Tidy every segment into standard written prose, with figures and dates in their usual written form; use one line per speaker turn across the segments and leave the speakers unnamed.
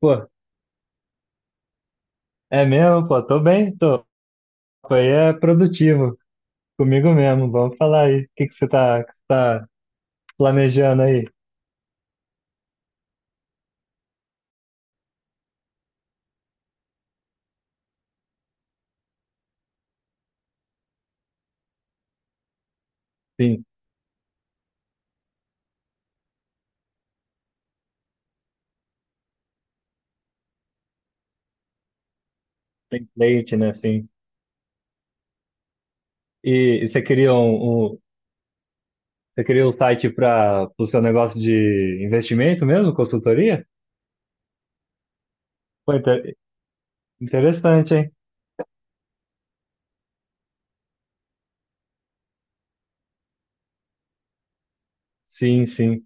Pô, é mesmo, pô, tô bem, tô. Foi é produtivo, comigo mesmo. Vamos falar aí. O que que você tá planejando aí? Sim, template, né? Sim. E você queria um site para o seu negócio de investimento mesmo, consultoria? Pô, interessante, hein? Sim, sim.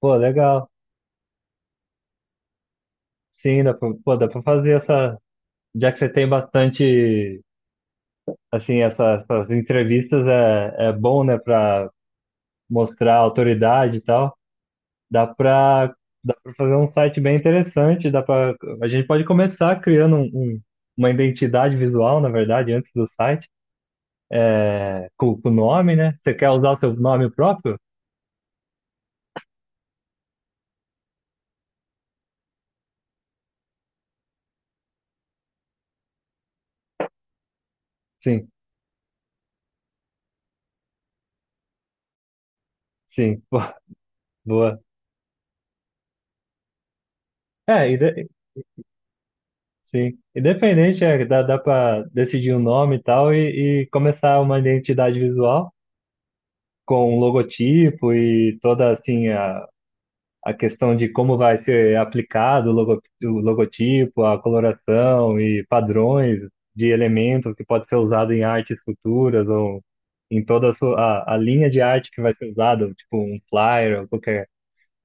Pô, legal. Sim, dá pra, pô, dá pra fazer essa. Já que você tem bastante, assim, essas entrevistas é bom, né, para mostrar autoridade e tal. Dá para dá para fazer um site bem interessante, dá para a gente pode começar criando uma identidade visual, na verdade, antes do site, né? Com o nome, né? Você quer usar o seu nome próprio? Sim, sim, boa. Boa. É, sim, independente, é, dá para decidir o nome e tal e começar uma identidade visual com um logotipo e toda, assim, a questão de como vai ser aplicado o logotipo, a coloração e padrões de elementos que pode ser usado em artes futuras ou em toda a linha de arte que vai ser usada, tipo um flyer ou qualquer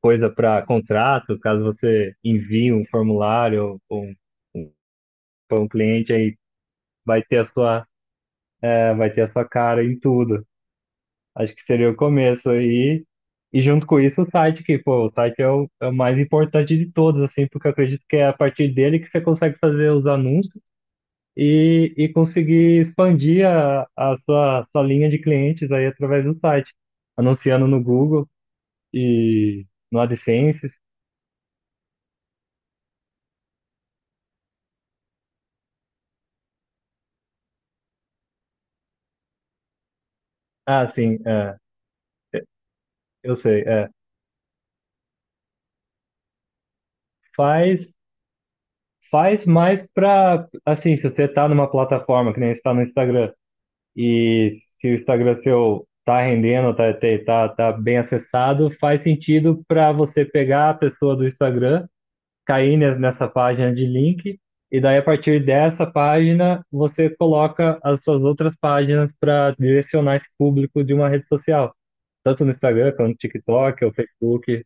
coisa para contrato, caso você envie um formulário ou para um cliente aí vai ter a sua cara em tudo. Acho que seria o começo aí. E junto com isso o site, que, pô, o site é o mais importante de todos, assim, porque eu acredito que é a partir dele que você consegue fazer os anúncios e conseguir expandir a sua linha de clientes aí através do site, anunciando no Google e no AdSense. Ah, sim, é, eu sei, é. Faz, faz mais pra, assim, se você tá numa plataforma que nem está no Instagram. E se o Instagram seu tá rendendo, tá bem acessado, faz sentido para você pegar a pessoa do Instagram, cair nessa página de link, e daí a partir dessa página você coloca as suas outras páginas para direcionar esse público de uma rede social. Tanto no Instagram, quanto no TikTok ou Facebook.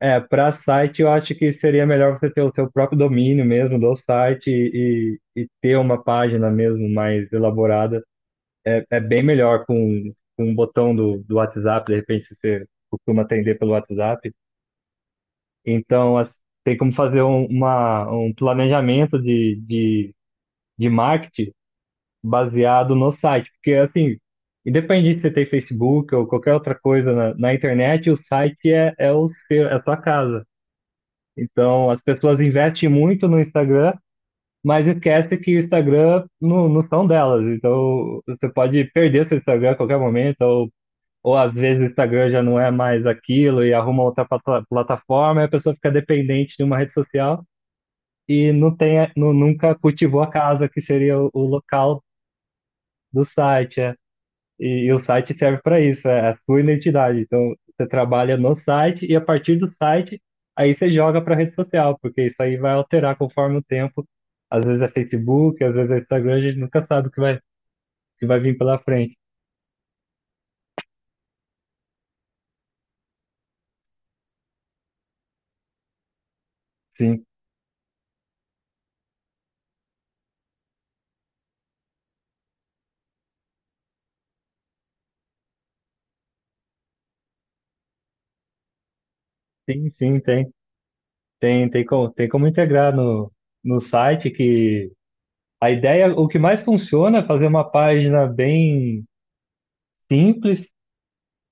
É, para site eu acho que seria melhor você ter o seu próprio domínio mesmo do site e ter uma página mesmo mais elaborada. É bem melhor com um botão do WhatsApp, de repente se você costuma atender pelo WhatsApp. Então, tem como fazer um planejamento de marketing baseado no site. Porque, assim, independente se você tem Facebook ou qualquer outra coisa na internet, o site é a sua casa. Então, as pessoas investem muito no Instagram, mas esquece que o Instagram não são delas. Então, você pode perder seu Instagram a qualquer momento, ou às vezes o Instagram já não é mais aquilo e arruma outra plataforma, e a pessoa fica dependente de uma rede social e não tem, não nunca cultivou a casa, que seria o local do site. É. E o site serve para isso, é a sua identidade. Então, você trabalha no site e a partir do site, aí você joga para a rede social, porque isso aí vai alterar conforme o tempo. Às vezes é Facebook, às vezes é Instagram, a gente nunca sabe o que vai vir pela frente. Sim, sim, sim, tem. Tem como integrar no site que a ideia, o que mais funciona é fazer uma página bem simples,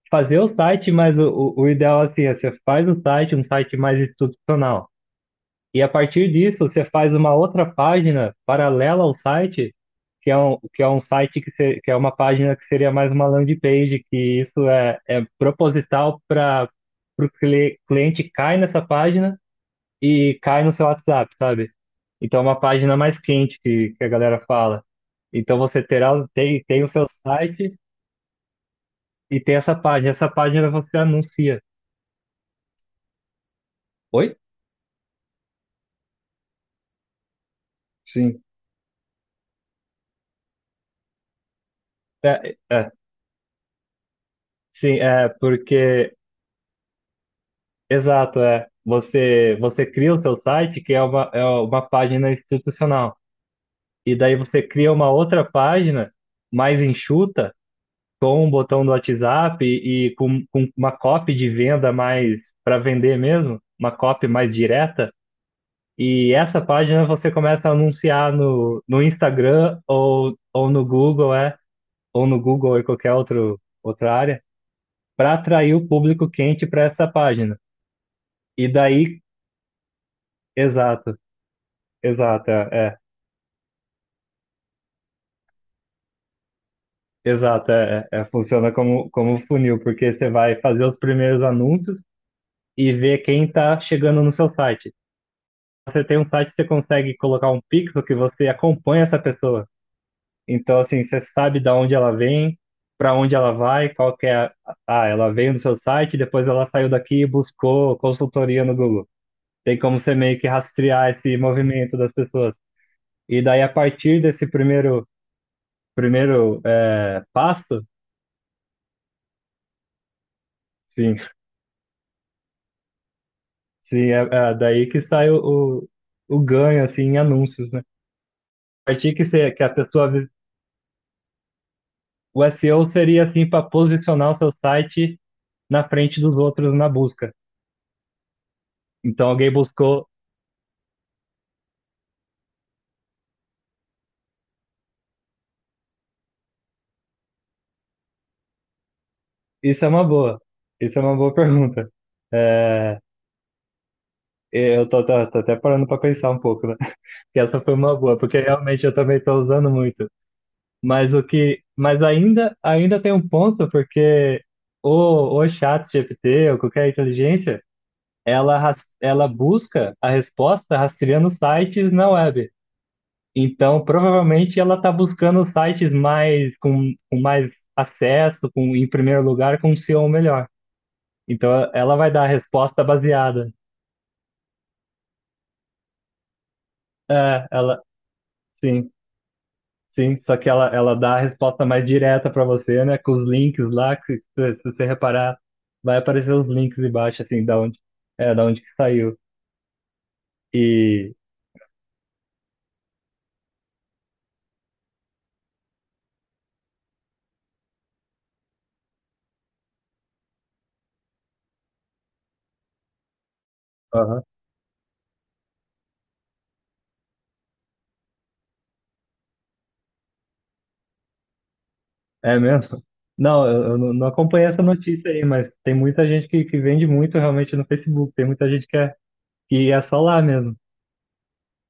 fazer o site, mas o ideal assim é você faz o site, um site mais institucional. E a partir disso, você faz uma outra página paralela ao site, que é um site que, se- que é uma página que seria mais uma landing page, que isso é proposital para o cliente cai nessa página e cai no seu WhatsApp, sabe? Então é uma página mais quente que a galera fala. Então você tem o seu site e tem essa página. Essa página você anuncia. Oi? Sim. É, é, sim, é porque, exato, é. Você cria o seu site, que é uma página institucional. E daí você cria uma outra página mais enxuta com o botão do WhatsApp e com uma copy de venda mais para vender mesmo, uma copy mais direta. E essa página você começa a anunciar no Instagram ou no Google ou qualquer outra área, para atrair o público quente para essa página. E daí, exato, exato, exato, funciona como funil, porque você vai fazer os primeiros anúncios e ver quem está chegando no seu site. Você tem um site, você consegue colocar um pixel que você acompanha essa pessoa. Então, assim, você sabe da onde ela vem, para onde ela vai, qual que é a. Ah, ela veio no seu site, depois ela saiu daqui e buscou consultoria no Google. Tem como você meio que rastrear esse movimento das pessoas. E daí, a partir desse primeiro passo, sim, sim, é daí que sai o ganho, assim, em anúncios, né? A partir que, você, que a pessoa. O SEO seria, assim, para posicionar o seu site na frente dos outros na busca. Então alguém buscou. Isso é uma boa. Isso é uma boa pergunta. É, eu tô até parando para pensar um pouco, né? Que essa foi uma boa, porque realmente eu também estou usando muito. Mas ainda tem um ponto, porque o chat GPT ou qualquer inteligência, ela busca a resposta rastreando sites na web. Então, provavelmente ela está buscando sites mais com mais acesso, em primeiro lugar, com um SEO melhor. Então, ela vai dar a resposta baseada. É, sim, sim. Só que ela dá a resposta mais direta para você, né? Com os links lá, que se você reparar, vai aparecer os links embaixo, assim, da onde que saiu. E, aham, é mesmo? Não, eu não acompanhei essa notícia aí, mas tem muita gente que vende muito realmente no Facebook. Tem muita gente que é. E é só lá mesmo.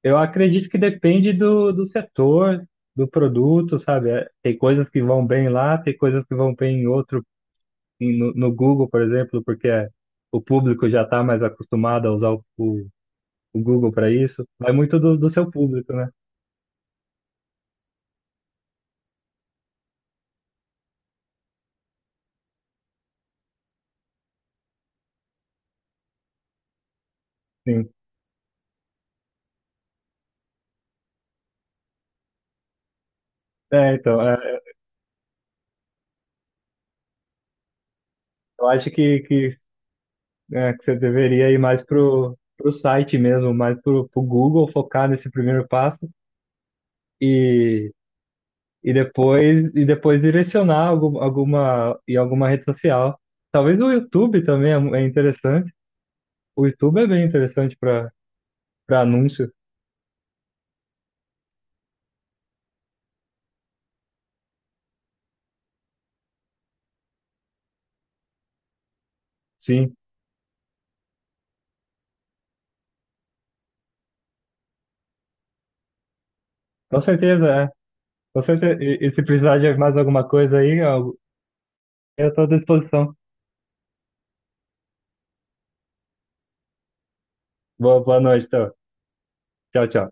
Eu acredito que depende do setor, do produto, sabe? É, tem coisas que vão bem lá, tem coisas que vão bem em outro, em- no, no Google, por exemplo, porque o público já está mais acostumado a usar o Google para isso. Vai muito do seu público, né? Sim. É, então, eu acho que você deveria ir mais pro site mesmo, mais pro Google, focar nesse primeiro passo. E depois direcionar algum, alguma em alguma rede social. Talvez o YouTube também é interessante. O YouTube é bem interessante para anúncio. Sim, com certeza é. Com certeza. E se precisar de mais alguma coisa aí, eu estou à disposição. Boa noite, então. Tchau, tchau.